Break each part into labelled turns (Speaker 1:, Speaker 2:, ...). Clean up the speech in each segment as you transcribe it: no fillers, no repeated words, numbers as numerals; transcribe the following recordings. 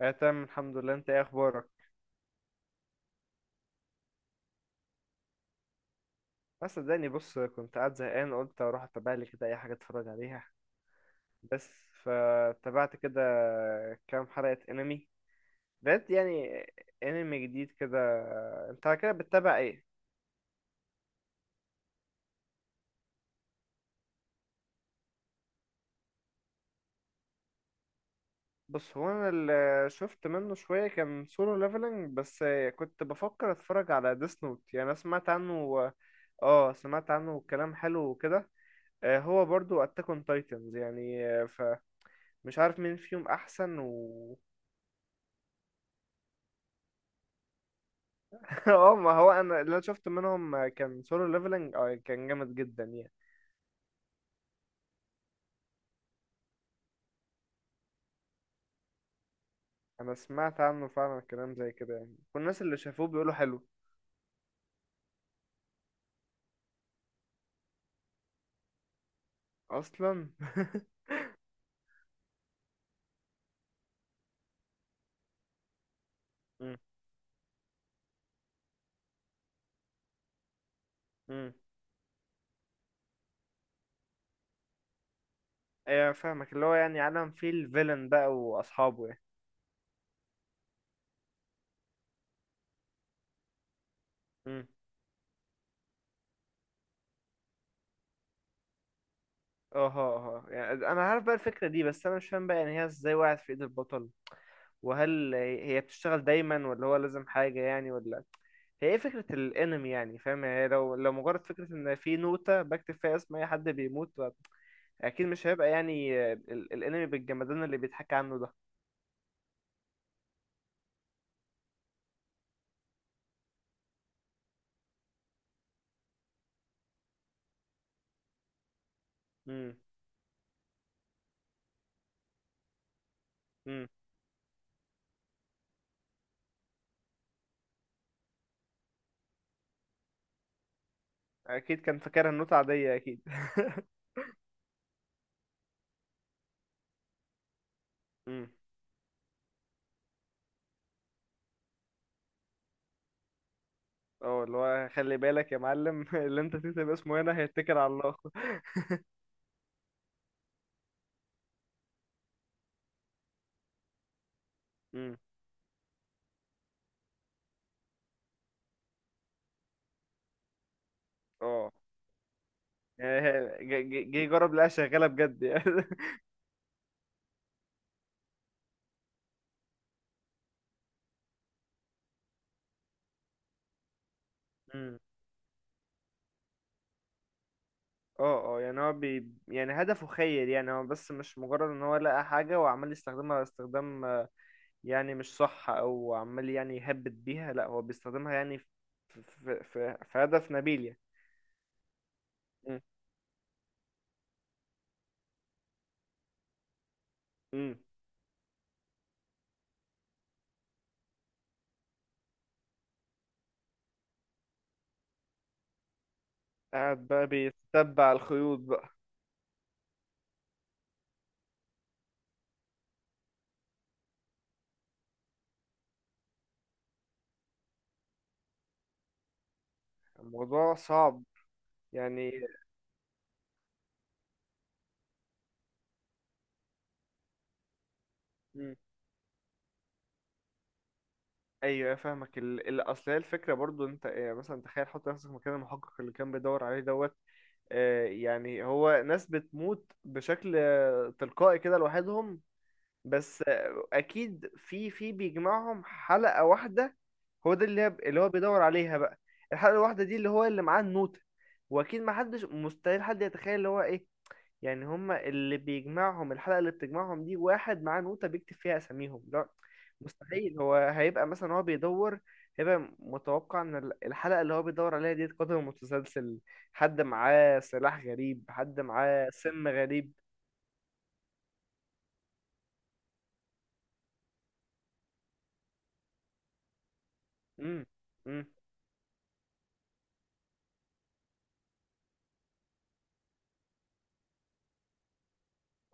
Speaker 1: اه تمام، الحمد لله. انت ايه اخبارك؟ بس صدقني بص، كنت قاعد زهقان، قلت اروح اتابع لي كده اي حاجه اتفرج عليها. بس فتابعت كده كام حلقه انمي. لقيت يعني انمي جديد كده. انت على كده بتتابع ايه؟ بص، هو انا اللي شفت منه شويه كان سولو ليفلنج بس. كنت بفكر اتفرج على ديس نوت، يعني انا سمعت عنه. اه سمعت عنه كلام حلو وكده. هو برضو اتاك اون تايتنز، يعني فمش عارف مين فيهم احسن و... اه، ما هو انا اللي شفت منهم كان سولو ليفلنج، اه كان جامد جدا يعني. انا سمعت عنه فعلا كلام زي كده يعني، والناس اللي شافوه بيقولوا حلو اصلا. امم امم ايه، فاهمك اللي هو يعني عالم فيه الفيلن بقى واصحابه يعني. امم اه اه يعني انا عارف بقى الفكره دي، بس انا مش فاهم بقى يعني هي ازاي وقعت في ايد البطل؟ وهل هي بتشتغل دايما، ولا هو لازم حاجه يعني، ولا هي ايه فكرة الانمي؟ يعني فاهم يعني، لو مجرد فكرة ان في نوتة بكتب فيها اسم اي حد بيموت، اكيد مش هيبقى يعني. ال- الانمي بالجمدان اللي بيتحكى عنه ده. امم امم اكيد كان فاكرها النوت عاديه، اكيد. امم اه اللي هو خلي بالك يا معلم اللي انت تكتب اسمه هنا هيتكل على الله. امم اه، يعني هي- جه جه- جه يجرب، لقاها شغاله بجد يعني. امم اه اه، يعني هو بي يعني هدفه خير يعني. هو بس مش مجرد ان هو لقى حاجه وعمال يستخدمها استخدام يعني مش صح، او عمال يعني يهبد بيها، لا هو بيستخدمها يعني في في في هدف نبيل يعني. مم. قاعد بقى بيتبع الخيوط بقى. الموضوع صعب يعني. مم. ايوه فاهمك ال... ال... اصل هي الفكره برضو، انت يعني مثلا تخيل، حط نفسك مكان المحقق اللي كان بيدور عليه دوت. آه يعني هو ناس بتموت بشكل تلقائي كده لوحدهم. بس اكيد في بيجمعهم حلقه واحده. هو ده اللي هي- اللي هو بيدور عليها بقى. الحلقه الواحده دي اللي هو اللي معاه النوتة. واكيد ما حدش مستحيل حد يتخيل اللي هو ايه. يعني هما اللي بيجمعهم الحلقة اللي بتجمعهم دي واحد معاه نوتة بيكتب فيها أساميهم؟ لا، مستحيل. هو هيبقى مثلا هو بيدور. هيبقى متوقع إن ال- الحلقة اللي هو بيدور عليها دي قدم متسلسل، حد معاه سلاح غريب، حد معاه سم غريب. امم امم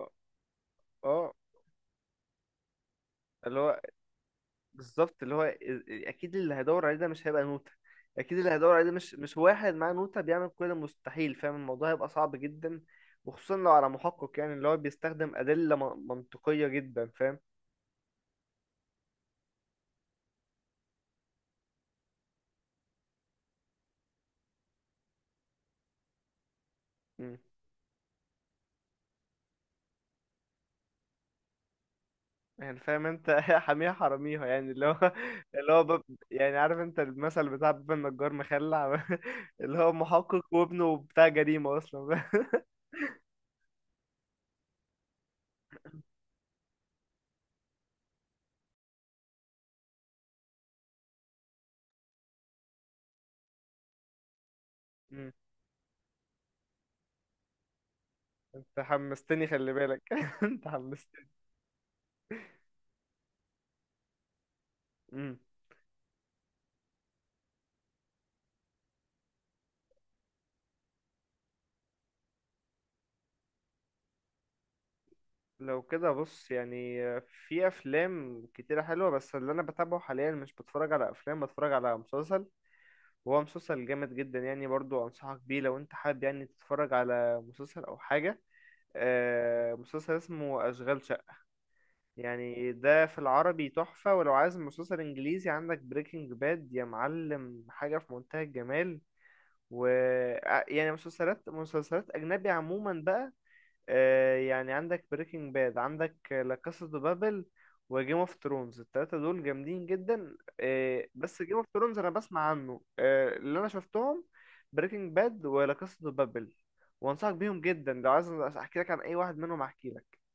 Speaker 1: اه آه، اللي هو بالظبط اللي هو إز- اكيد اللي هيدور عليه ده مش هيبقى نوتة. اكيد اللي هيدور عليه ده مش واحد معاه نوتة بيعمل كل المستحيل، فاهم؟ الموضوع هيبقى صعب جدا، وخصوصا لو على محقق يعني اللي هو بيستخدم أدلة من- منطقية جدا، فاهم؟ مم. يعني فاهم انت حاميها حراميها يعني اللي هو اللي هو باب. يعني عارف انت المثل بتاع باب النجار مخلع اللي هو محقق وابنه بتاع جريمة اصلا. مم. انت حمستني، خلي بالك انت حمستني. مم. لو كده بص يعني، في افلام كتيرة حلوة، بس اللي انا بتابعه حاليا مش بتفرج على افلام، بتفرج على مسلسل. وهو مسلسل جامد جدا يعني، برضو انصحك بيه لو انت حابب يعني تتفرج على مسلسل او حاجة. مسلسل اسمه اشغال شقة، يعني ده في العربي تحفة. ولو عايز مسلسل انجليزي، عندك بريكنج باد يا معلم، حاجة في منتهى الجمال. و ع- يعني مسلسلات اجنبي عموما بقى، يعني عندك بريكنج باد، عندك لا كاسا دو بابل، وجيم اوف ثرونز. التلاتة دول جامدين جدا، بس جيم اوف ثرونز انا بسمع عنه. اللي انا شفتهم بريكنج باد ولا كاسا دو بابل، وانصحك بيهم جدا. لو عايز احكي لك عن اي واحد منهم احكي لك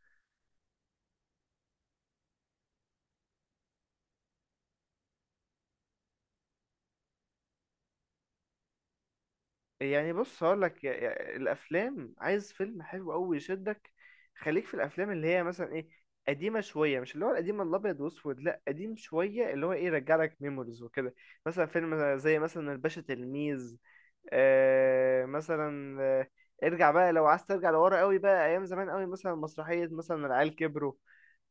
Speaker 1: يعني. بص هقول لك، الافلام، عايز فيلم حلو قوي يشدك، خليك في الافلام اللي هي مثلا ايه، قديمه شويه. مش اللي هو القديم الابيض واسود، لا قديم شويه اللي هو ايه يرجع لك ميموريز وكده. مثلا فيلم زي مثلا الباشا تلميذ، آه مثلا آه، ارجع بقى لو عايز ترجع لورا قوي بقى ايام زمان قوي، مثلا مسرحيه مثلا العيال كبروا.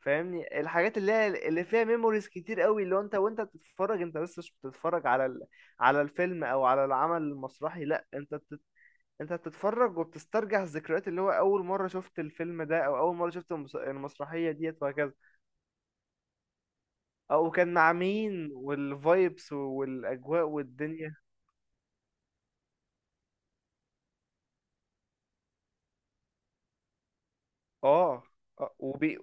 Speaker 1: فاهمني، الحاجات اللي هي اللي فيها ميموريز كتير قوي، اللي هو انت وانت بتتفرج انت بس مش بتتفرج على على الفيلم او على العمل المسرحي، لا انت بت... انت بتتفرج وبتسترجع الذكريات، اللي هو اول مره شفت الفيلم ده، او اول مره شفت المس... المسرحيه ديت، وهكذا. او كان مع مين، والفايبس والاجواء والدنيا. اه وبي...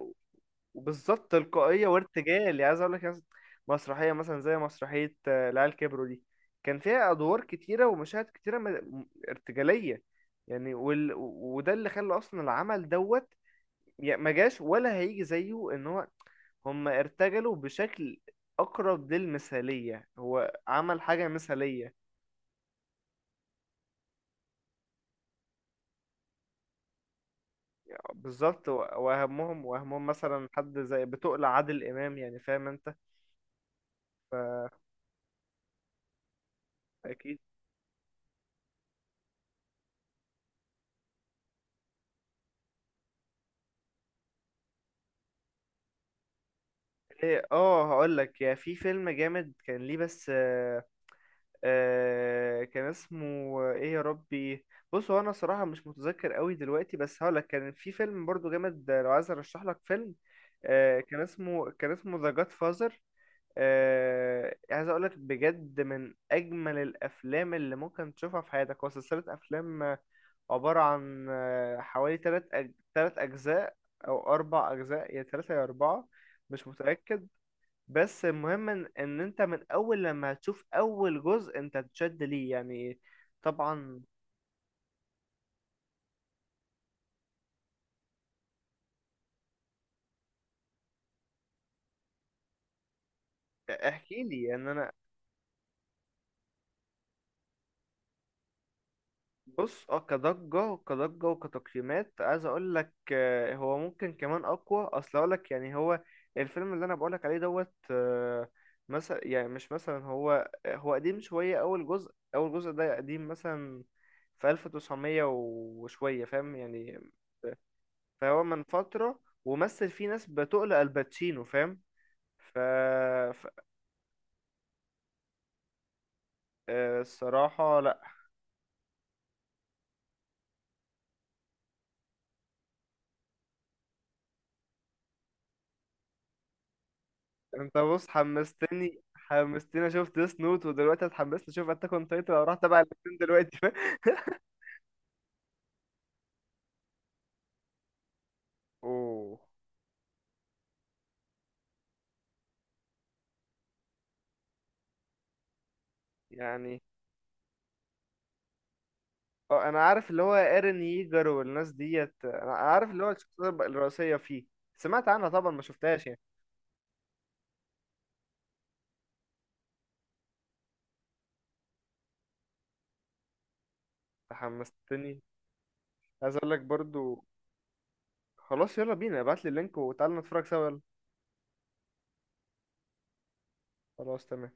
Speaker 1: وبالظبط تلقائيه وارتجال. يعني عايز اقول لك مثلا مسرحيه مثلا زي مسرحيه العيال كبروا دي، كان فيها ادوار كتيره ومشاهد كتيره م... ارتجاليه يعني. وال... وده اللي خلى اصلا العمل دوت يعني ما جاش ولا هيجي زيه. ان هو هم ارتجلوا بشكل اقرب للمثالية، هو عمل حاجة مثالية يعني. بالظبط، و- واهمهم مثلا حد زي بتقلع عادل امام يعني، فاهم انت؟ اكيد. ايه اه هقول لك، يا في فيلم جامد كان ليه بس آه، آه كان اسمه، ايه يا ربي. بص هو انا صراحة مش متذكر قوي دلوقتي، بس هقول لك كان في فيلم برضو جامد. لو عايز ارشح لك فيلم، آه كان اسمه كان اسمه ذا جاد فازر. عايز اقول لك بجد من اجمل الافلام اللي ممكن تشوفها في حياتك. هو سلسله افلام عباره عن حوالي ثلاث أج... ثلاث اجزاء، او اربع اجزاء، يا ثلاثه يا اربعه، مش متاكد. بس المهم إن انت من اول لما هتشوف اول جزء انت هتشد ليه يعني. طبعا احكي لي ان انا. بص اه كضجة كضجة وكتقييمات عايز اقول لك، هو ممكن كمان اقوى. اصل اقول لك يعني هو الفيلم اللي انا بقول لك عليه دوت، مثلا يعني مش مثلا، هو قديم شوية. اول جزء ده قديم، مثلا في 1900 وشوية فاهم يعني. فهو من فترة، ومثل فيه ناس بتقل الباتشينو، فاهم؟ ف ف- الصراحة انت بص حمستني، حمستني اشوف ديس نوت، ودلوقتي اتحمست اشوف اتاك اون تايتن. اروح تبع الاثنين دلوقتي. اوه يعني اه، انا عارف اللي هو ايرن ييجر والناس ديت، انا عارف اللي هو الشخصيه الرئيسيه فيه. سمعت عنها طبعا، ما شفتهاش يعني. انت حمستني. عايز اقول لك برضو، خلاص يلا بينا ابعت لي اللينك وتعالى نتفرج سوا، يلا. خلاص تمام.